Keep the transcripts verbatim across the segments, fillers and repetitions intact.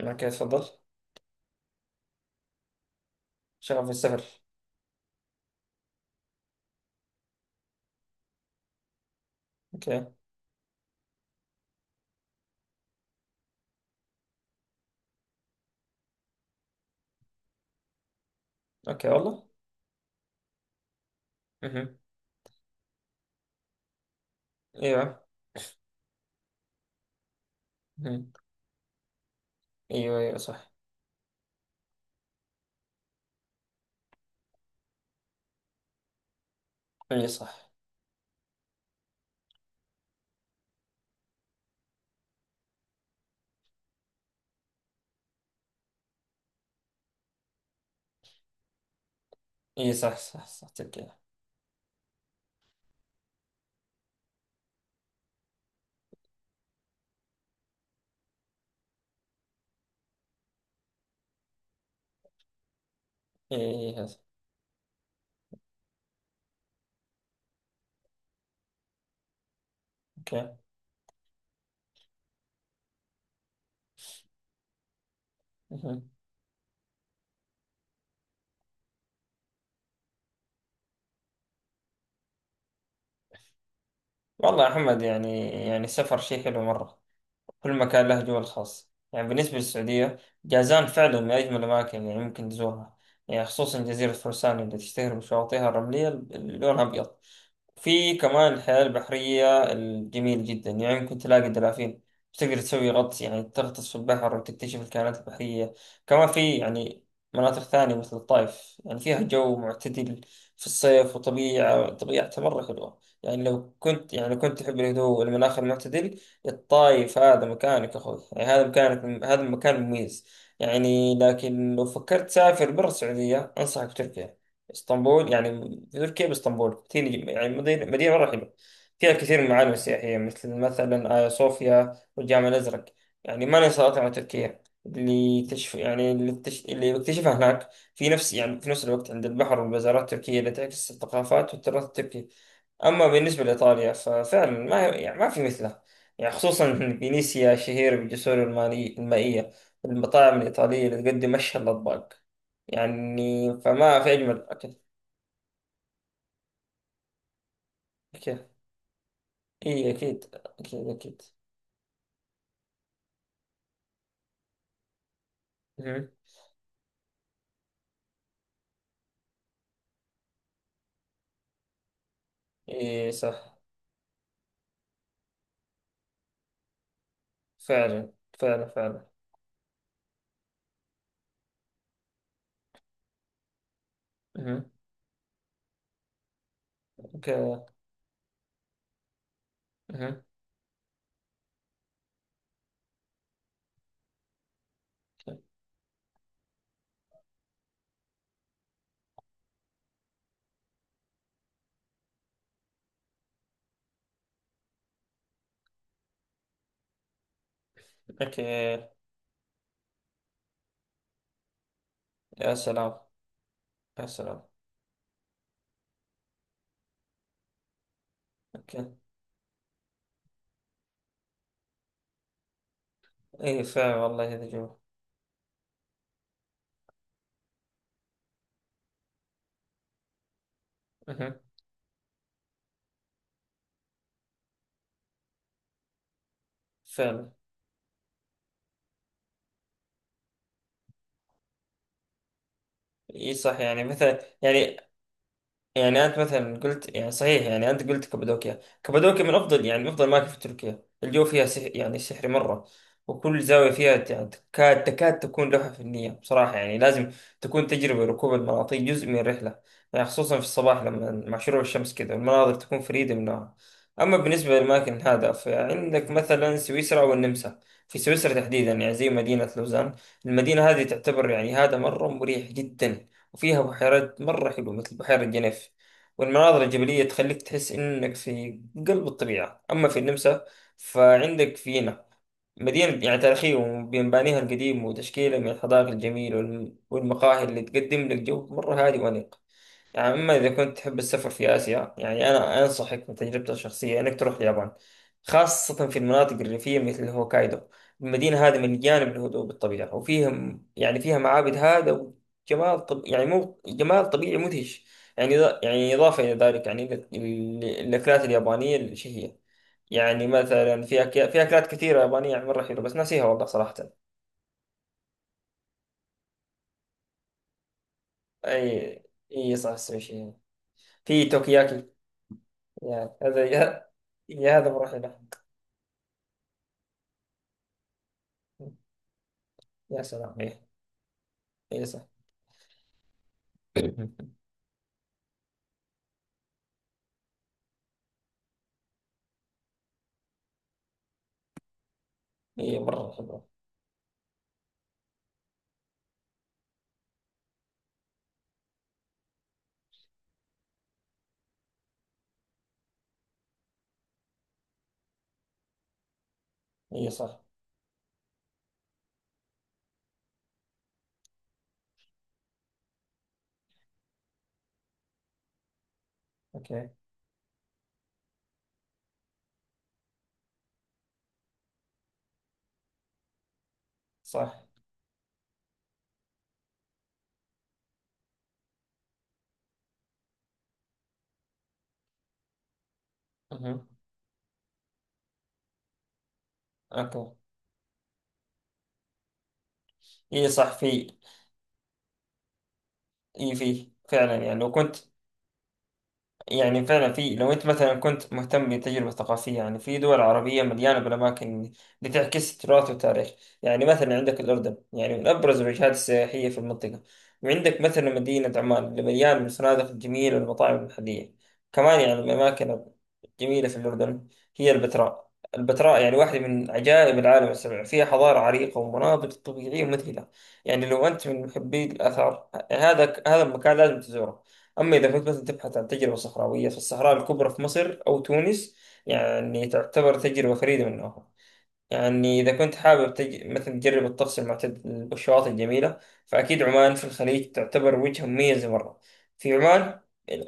اوكي، اتفضل. شغف السفر. اوكي. اوكي، والله. اها. ايوه. اها. ايوه، ايوه، صح. اي، صح. اي، صح، صح، صح، تبقى. اي، صح. اوكي. اها. والله يا محمد، يعني يعني السفر شيء حلو مرة. كل مكان له جو الخاص، يعني بالنسبة للسعودية، جازان فعلا من أجمل الأماكن اللي ممكن تزورها. يعني خصوصا جزيرة فرسان اللي تشتهر بشواطئها الرملية اللي لونها أبيض. في كمان الحياة البحرية الجميل جدا، يعني ممكن تلاقي دلافين، تقدر تسوي غطس، يعني تغطس في البحر وتكتشف الكائنات البحرية. كمان في يعني مناطق ثانية مثل الطائف، يعني فيها جو معتدل في الصيف وطبيعة طبيعتها مرة حلوة. يعني لو كنت يعني لو كنت تحب الهدوء والمناخ المعتدل، الطائف هذا مكانك يا أخوي، يعني هذا مكانك، هذا المكان مميز. يعني لكن لو فكرت تسافر برا السعودية، أنصحك بتركيا، اسطنبول. يعني في تركيا باسطنبول كتير، يعني مدينة مدينة مرة حلوة، فيها كثير من المعالم السياحية مثل مثلا آيا صوفيا والجامع الأزرق. يعني ما ننسى أطعمة تركيا اللي تشف، يعني اللي, تش... اللي بكتشفها هناك، في نفس يعني في نفس الوقت عند البحر، والبازارات التركية اللي تعكس الثقافات والتراث التركي. أما بالنسبة لإيطاليا ففعلا ما يعني ما في مثله، يعني خصوصا فينيسيا شهيرة بالجسور المالي... المائية. المطاعم الإيطالية اللي تقدم أشهى الأطباق، يعني فما في أجمل أكل. أكيد. إي، أكيد، أكيد، أكيد. مهم. إي، صح. فعلا، فعلا، فعلا. مهم. أوكي. مهم. أوكي. يا سلام. يا سلام. أوكي. إي فعلا، والله هذا جميل. مهم. فعلا. إي، صح، يعني مثلا يعني. يعني انت مثلا قلت، يعني صحيح، يعني انت قلت كابادوكيا كابادوكيا من افضل، يعني من افضل الاماكن في تركيا. الجو فيها سحر، يعني سحري مره. وكل زاويه فيها يعني تكاد تكاد تكون لوحه فنيه، بصراحه يعني لازم تكون تجربه ركوب المناطيد جزء من الرحله. يعني خصوصا في الصباح، لما مع شروق الشمس كذا، المناظر تكون فريده من نوعها. اما بالنسبه للاماكن هذا، فعندك مثلا سويسرا والنمسا. في سويسرا تحديدا، يعني زي مدينه لوزان، المدينه هذه تعتبر، يعني هذا مره مريح جدا. وفيها بحيرات مرة حلوة مثل بحيرة جنيف، والمناظر الجبلية تخليك تحس إنك في قلب الطبيعة. أما في النمسا فعندك فيينا، مدينة يعني تاريخية بمبانيها القديم وتشكيلها من الحدائق الجميلة، والم- والمقاهي اللي تقدم لك جو مرة هادي وأنيق. يعني أما إذا كنت تحب السفر في آسيا، يعني أنا أنصحك من تجربتي الشخصية إنك تروح اليابان، خاصة في المناطق الريفية مثل هوكايدو. المدينة هذه مليانة بالهدوء بالطبيعة، وفيها يعني فيها معابد هذا، وجمال طب يعني مو جمال، طبيعي مدهش. يعني إذا- يعني إضافة إلى ذلك، يعني ال- ال- الأكلات اليابانية الشهية. يعني مثلا في أكيا... في أكلات كثيرة يابانية، يعني مرة حلوة، بس ناسيها والله صراحة. أي. أي، صح، السوشي، في توكياكي. يعني هذا يا, يا هذا مرة حلو. يا سلام. هي، هي، صح. هي مرة حلوة. هي، صح. أوكي. صح. أها. أوكي. هي، صح. في. هي في، فعلا. يعني لو كنت، يعني فعلا في، لو انت مثلا كنت مهتم بالتجربة الثقافية، يعني في دول عربية مليانة بالأماكن، بتعكس التراث والتاريخ. يعني مثلا عندك الأردن، يعني من أبرز الوجهات السياحية في المنطقة. وعندك مثلا مدينة عمان اللي مليانة بالفنادق الجميلة والمطاعم المحلية. كمان يعني من الأماكن الجميلة في الأردن هي البتراء. البتراء يعني واحدة من عجائب العالم السبع، فيها حضارة عريقة ومناظر طبيعية مذهلة. يعني لو أنت من محبي الآثار، هذا هذا المكان لازم تزوره. أما إذا كنت مثلا تبحث عن تجربة صحراوية، فالصحراء الكبرى في مصر أو تونس، يعني تعتبر تجربة فريدة من نوعها. يعني إذا كنت حابب تج... مثلا تجرب الطقس المعتدل والشواطئ الجميلة، فأكيد عمان في الخليج تعتبر وجهة مميزة مرة. في عمان،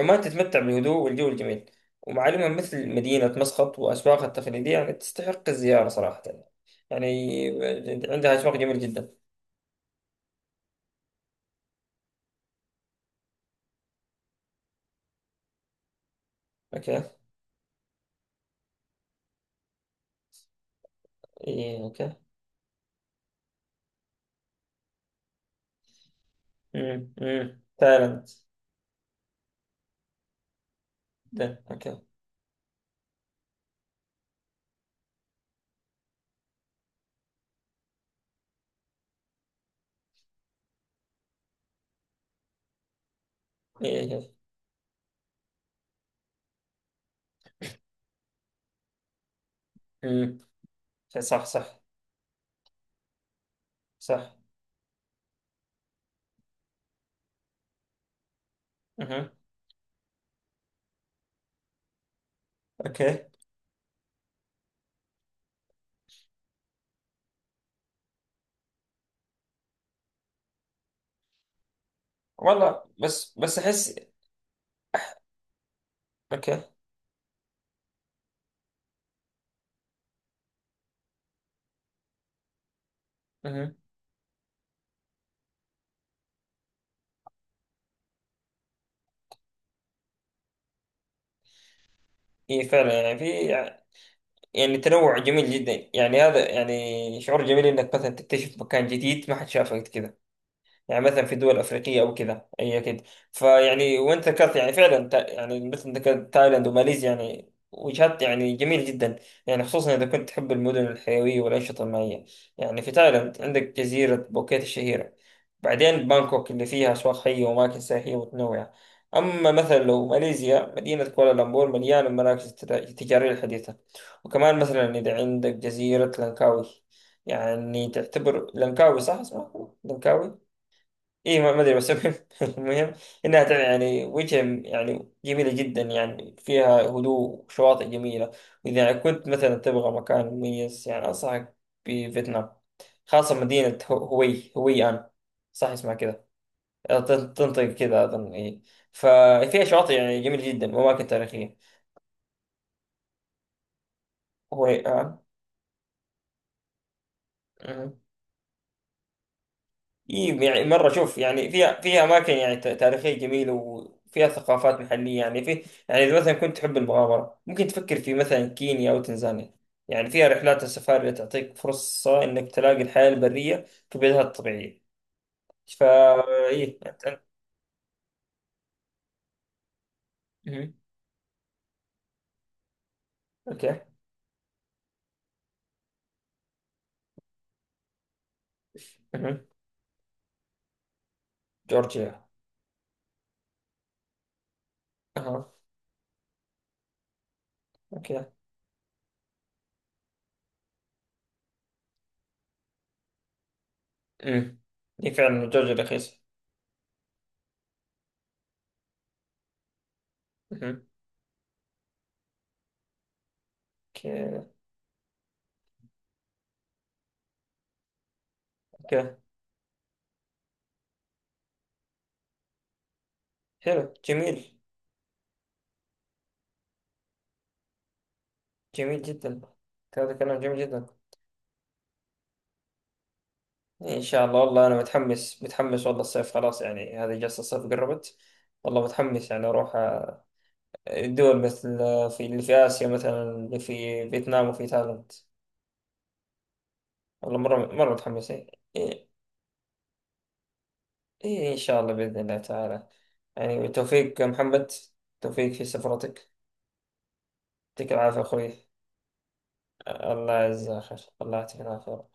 عمان تتمتع بالهدوء والجو الجميل، ومعالمها مثل مدينة مسقط وأسواقها التقليدية يعني تستحق الزيارة صراحة. يعني عندها أسواق جميلة جدا. أوكي. إيه، أوكي. أمم، أمم، تايلاند. ده. أوكي. إيه. امم. صح، صح، صح. اها. اوكي. والله، بس بس احس. اوكي. اها. اي فعلا، يعني في. يعني تنوع جميل جدا، يعني هذا يعني شعور جميل انك مثلا تكتشف مكان جديد ما حد شافه قبل كذا. يعني مثلا في دول افريقيه او كذا، اي اكيد. فيعني وانت ذكرت، يعني فعلا تا- يعني مثل ذكرت تايلاند وماليزيا، يعني وجهات يعني جميل جدا. يعني خصوصا اذا كنت تحب المدن الحيويه والانشطه المائيه. يعني في تايلاند عندك جزيره بوكيت الشهيره، بعدين بانكوك اللي فيها اسواق حيه واماكن سياحيه متنوعه. اما مثلا لو ماليزيا، مدينه كوالالمبور مليانه المراكز التجا- التجاريه الحديثه. وكمان مثلا اذا عندك جزيره لانكاوي، يعني تعتبر لانكاوي، صح اسمها لانكاوي؟ اي، ما ما ادري، بس المهم المهم انها تع- يعني وجهه يعني جميله جدا، يعني فيها هدوء وشواطئ جميله. واذا كنت مثلا تبغى مكان مميز، يعني انصحك بفيتنام، خاصه مدينه هو- هوي هوي ان. صح اسمها كذا؟ آه، تن- تنطق كذا اظن. اي. ففيها شواطئ يعني جميله جدا واماكن تاريخيه. هوي ان. إيه يعني مرة شوف، يعني فيها فيها أماكن يعني ت- تاريخية جميلة، وفيها ثقافات محلية يعني في. يعني إذا مثلا كنت تحب المغامرة، ممكن تفكر في مثلا كينيا أو تنزانيا. يعني فيها رحلات السفاري اللي تعطيك فرصة إنك تلاقي الحياة البرية في بيئتها الطبيعية. فا. إيه. أنت أنت- مهم. أوكي. مهم. جورجيا. أها. أوكي. أمم. إيه فعلا، جورجيا رخيصة. مهم. أوكي. أوكي. حلو، جميل. جميل جدا. هذا كلام جميل جدا. ان شاء الله، والله انا متحمس، متحمس، والله الصيف خلاص. يعني هذه جلسة الصيف قربت. والله متحمس، يعني اروح آه، دول مثل، آه، في اللي في اسيا مثلا، اللي في فيتنام وفي تايلاند. والله، مرة مرة متحمس. إيه. إيه. إيه، ان شاء الله، باذن الله تعالى. يعني بالتوفيق يا محمد، توفيق في سفرتك، يعطيك العافية اخوي. الله يجزاك خير، الله يعطيك العافية.